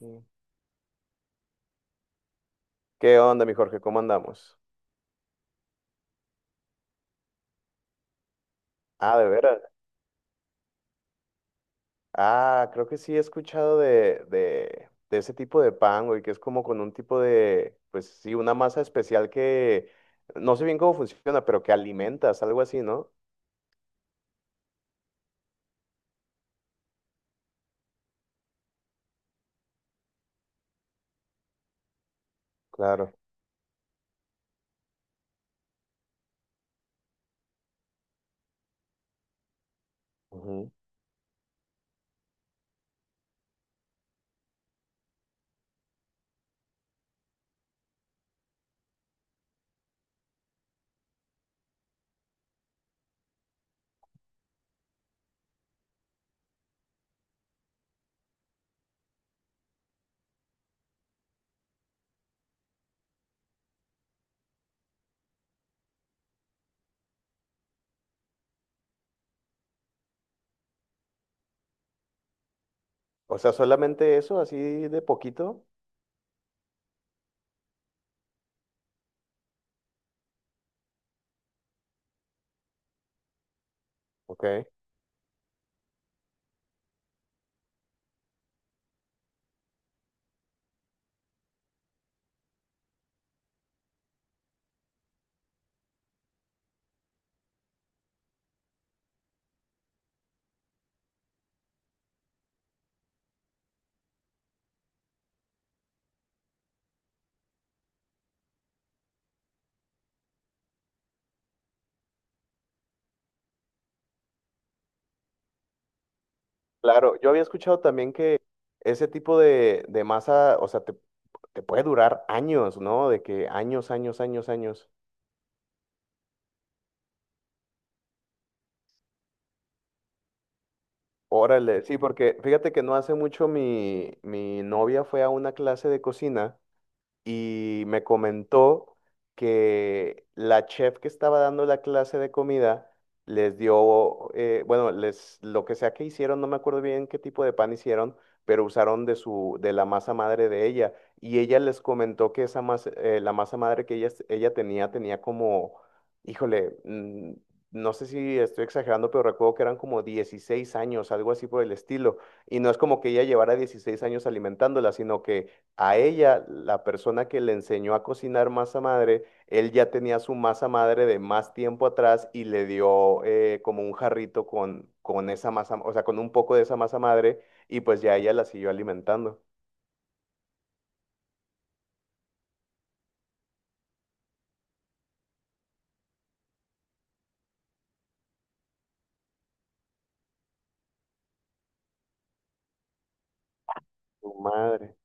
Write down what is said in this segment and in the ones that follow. Mm. ¿Qué onda, mi Jorge? ¿Cómo andamos? Ah, de veras. Ah, creo que sí he escuchado de ese tipo de pan, güey, que es como con un tipo de, pues sí, una masa especial que no sé bien cómo funciona, pero que alimentas, algo así, ¿no? Claro. Ujú. O sea, solamente eso, así de poquito. Ok. Claro, yo había escuchado también que ese tipo de masa, o sea, te puede durar años, ¿no? De que años, años, años, años. Órale, sí, porque fíjate que no hace mucho mi novia fue a una clase de cocina y me comentó que la chef que estaba dando la clase de comida les dio, bueno, les, lo que sea que hicieron, no me acuerdo bien qué tipo de pan hicieron, pero usaron de su, de la masa madre de ella. Y ella les comentó que esa masa, la masa madre que ella tenía, tenía como, híjole, mm, no sé si estoy exagerando, pero recuerdo que eran como 16 años, algo así por el estilo. Y no es como que ella llevara 16 años alimentándola, sino que a ella, la persona que le enseñó a cocinar masa madre, él ya tenía su masa madre de más tiempo atrás y le dio como un jarrito con esa masa, o sea, con un poco de esa masa madre y pues ya ella la siguió alimentando. Su madre.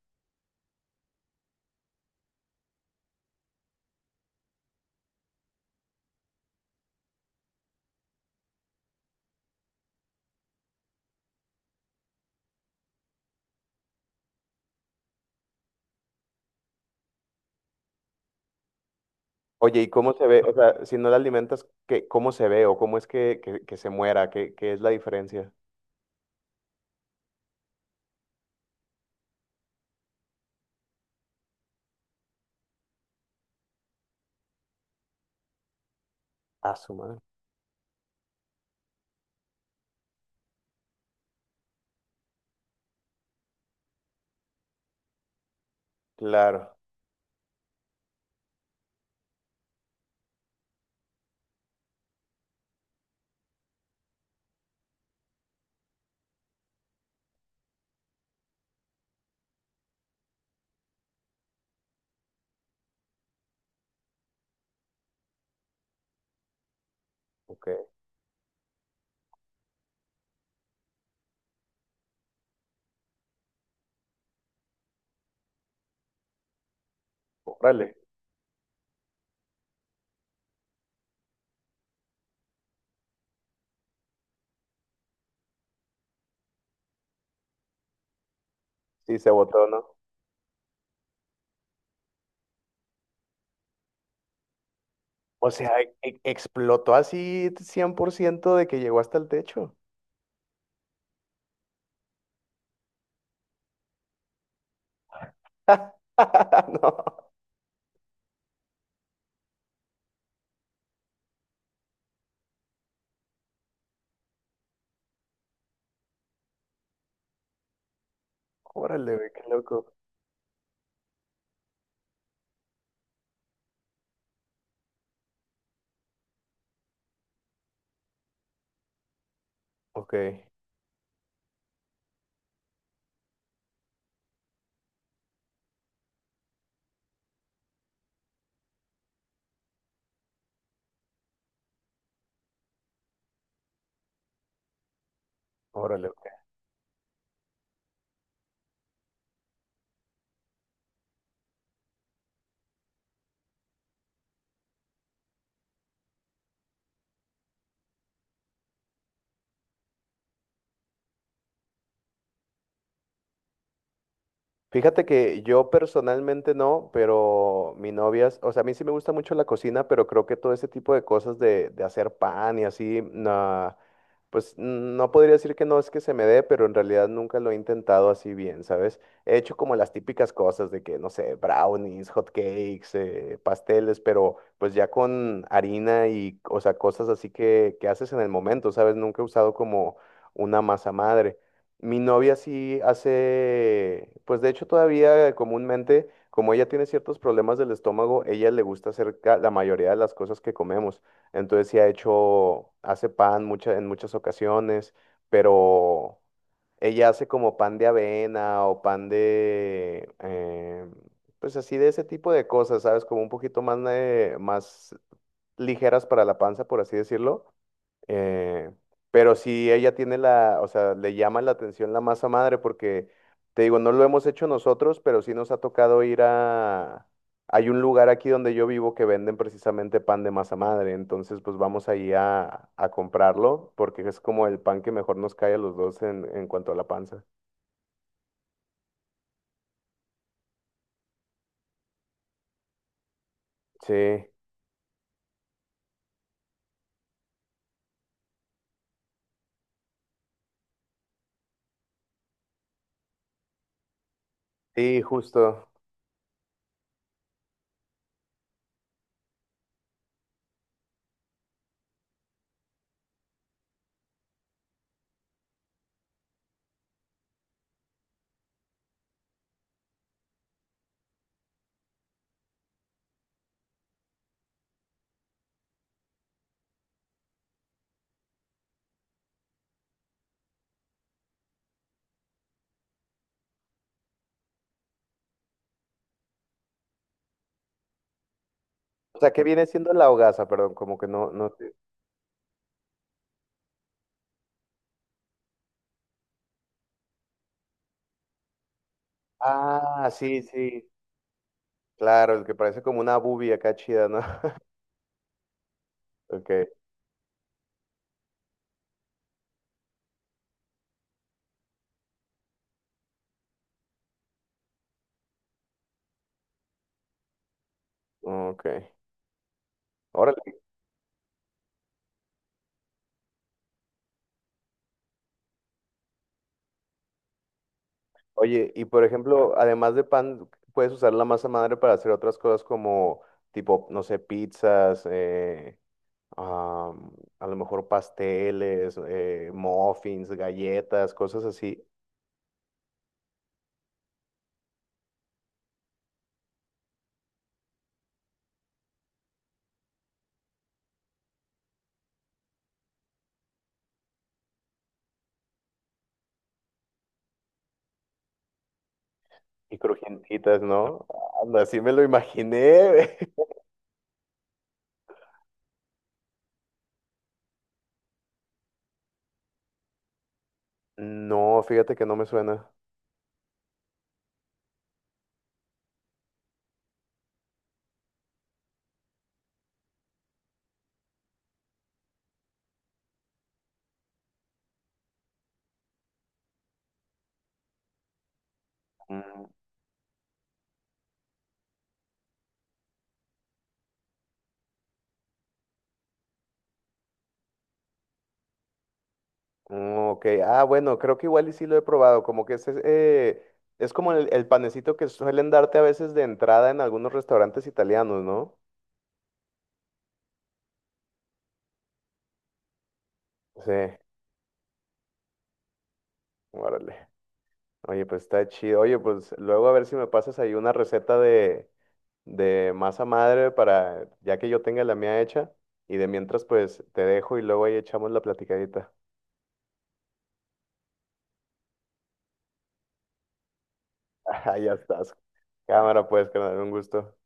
Oye, ¿y cómo se ve? O sea, si no la alimentas, Cómo se ve o cómo es que se muera? ¿Qué es la diferencia? A su madre. Claro, ok. Órale. Sí, se botó, ¿no? O sea, explotó así 100% de que llegó hasta el techo. No, órale, güey, qué loco. Ok, órale. Ok. Fíjate que yo personalmente no, pero mi novia, o sea, a mí sí me gusta mucho la cocina, pero creo que todo ese tipo de cosas de hacer pan y así, no, pues no podría decir que no es que se me dé, pero en realidad nunca lo he intentado así bien, ¿sabes? He hecho como las típicas cosas de que, no sé, brownies, hot cakes, pasteles, pero pues ya con harina y, o sea, cosas así que haces en el momento, ¿sabes? Nunca he usado como una masa madre. Mi novia sí hace, pues de hecho todavía comúnmente, como ella tiene ciertos problemas del estómago, ella le gusta hacer la mayoría de las cosas que comemos. Entonces sí ha hecho, hace pan en muchas ocasiones, pero ella hace como pan de avena o pan de, pues así de ese tipo de cosas, ¿sabes? Como un poquito más, más ligeras para la panza, por así decirlo. Eh, pero si ella tiene o sea, le llama la atención la masa madre porque, te digo, no lo hemos hecho nosotros, pero sí nos ha tocado ir a... Hay un lugar aquí donde yo vivo que venden precisamente pan de masa madre, entonces pues vamos ahí a comprarlo porque es como el pan que mejor nos cae a los dos en cuanto a la panza. Sí, sí, justo. O sea, ¿qué viene siendo la hogaza? Perdón, como que no, no. Ah, sí, sí, claro, el que parece como una bubi acá chida, ¿no? Ok, ok. Órale. Oye, y por ejemplo, además de pan, puedes usar la masa madre para hacer otras cosas como, tipo, no sé, pizzas, am, a lo mejor pasteles, muffins, galletas, cosas así, y crujientitas, ¿no? Anda, así me lo imaginé. No, fíjate que no me suena. Mm, mm, ok, ah, bueno, creo que igual y sí lo he probado, como que es como el panecito que suelen darte a veces de entrada en algunos restaurantes italianos, ¿no? Sí, órale. Oye, pues está chido. Oye, pues luego a ver si me pasas ahí una receta de masa madre para, ya que yo tenga la mía hecha, y de mientras pues te dejo y luego ahí echamos la platicadita. Ah, ya estás. Cámara, pues, carnal, un gusto.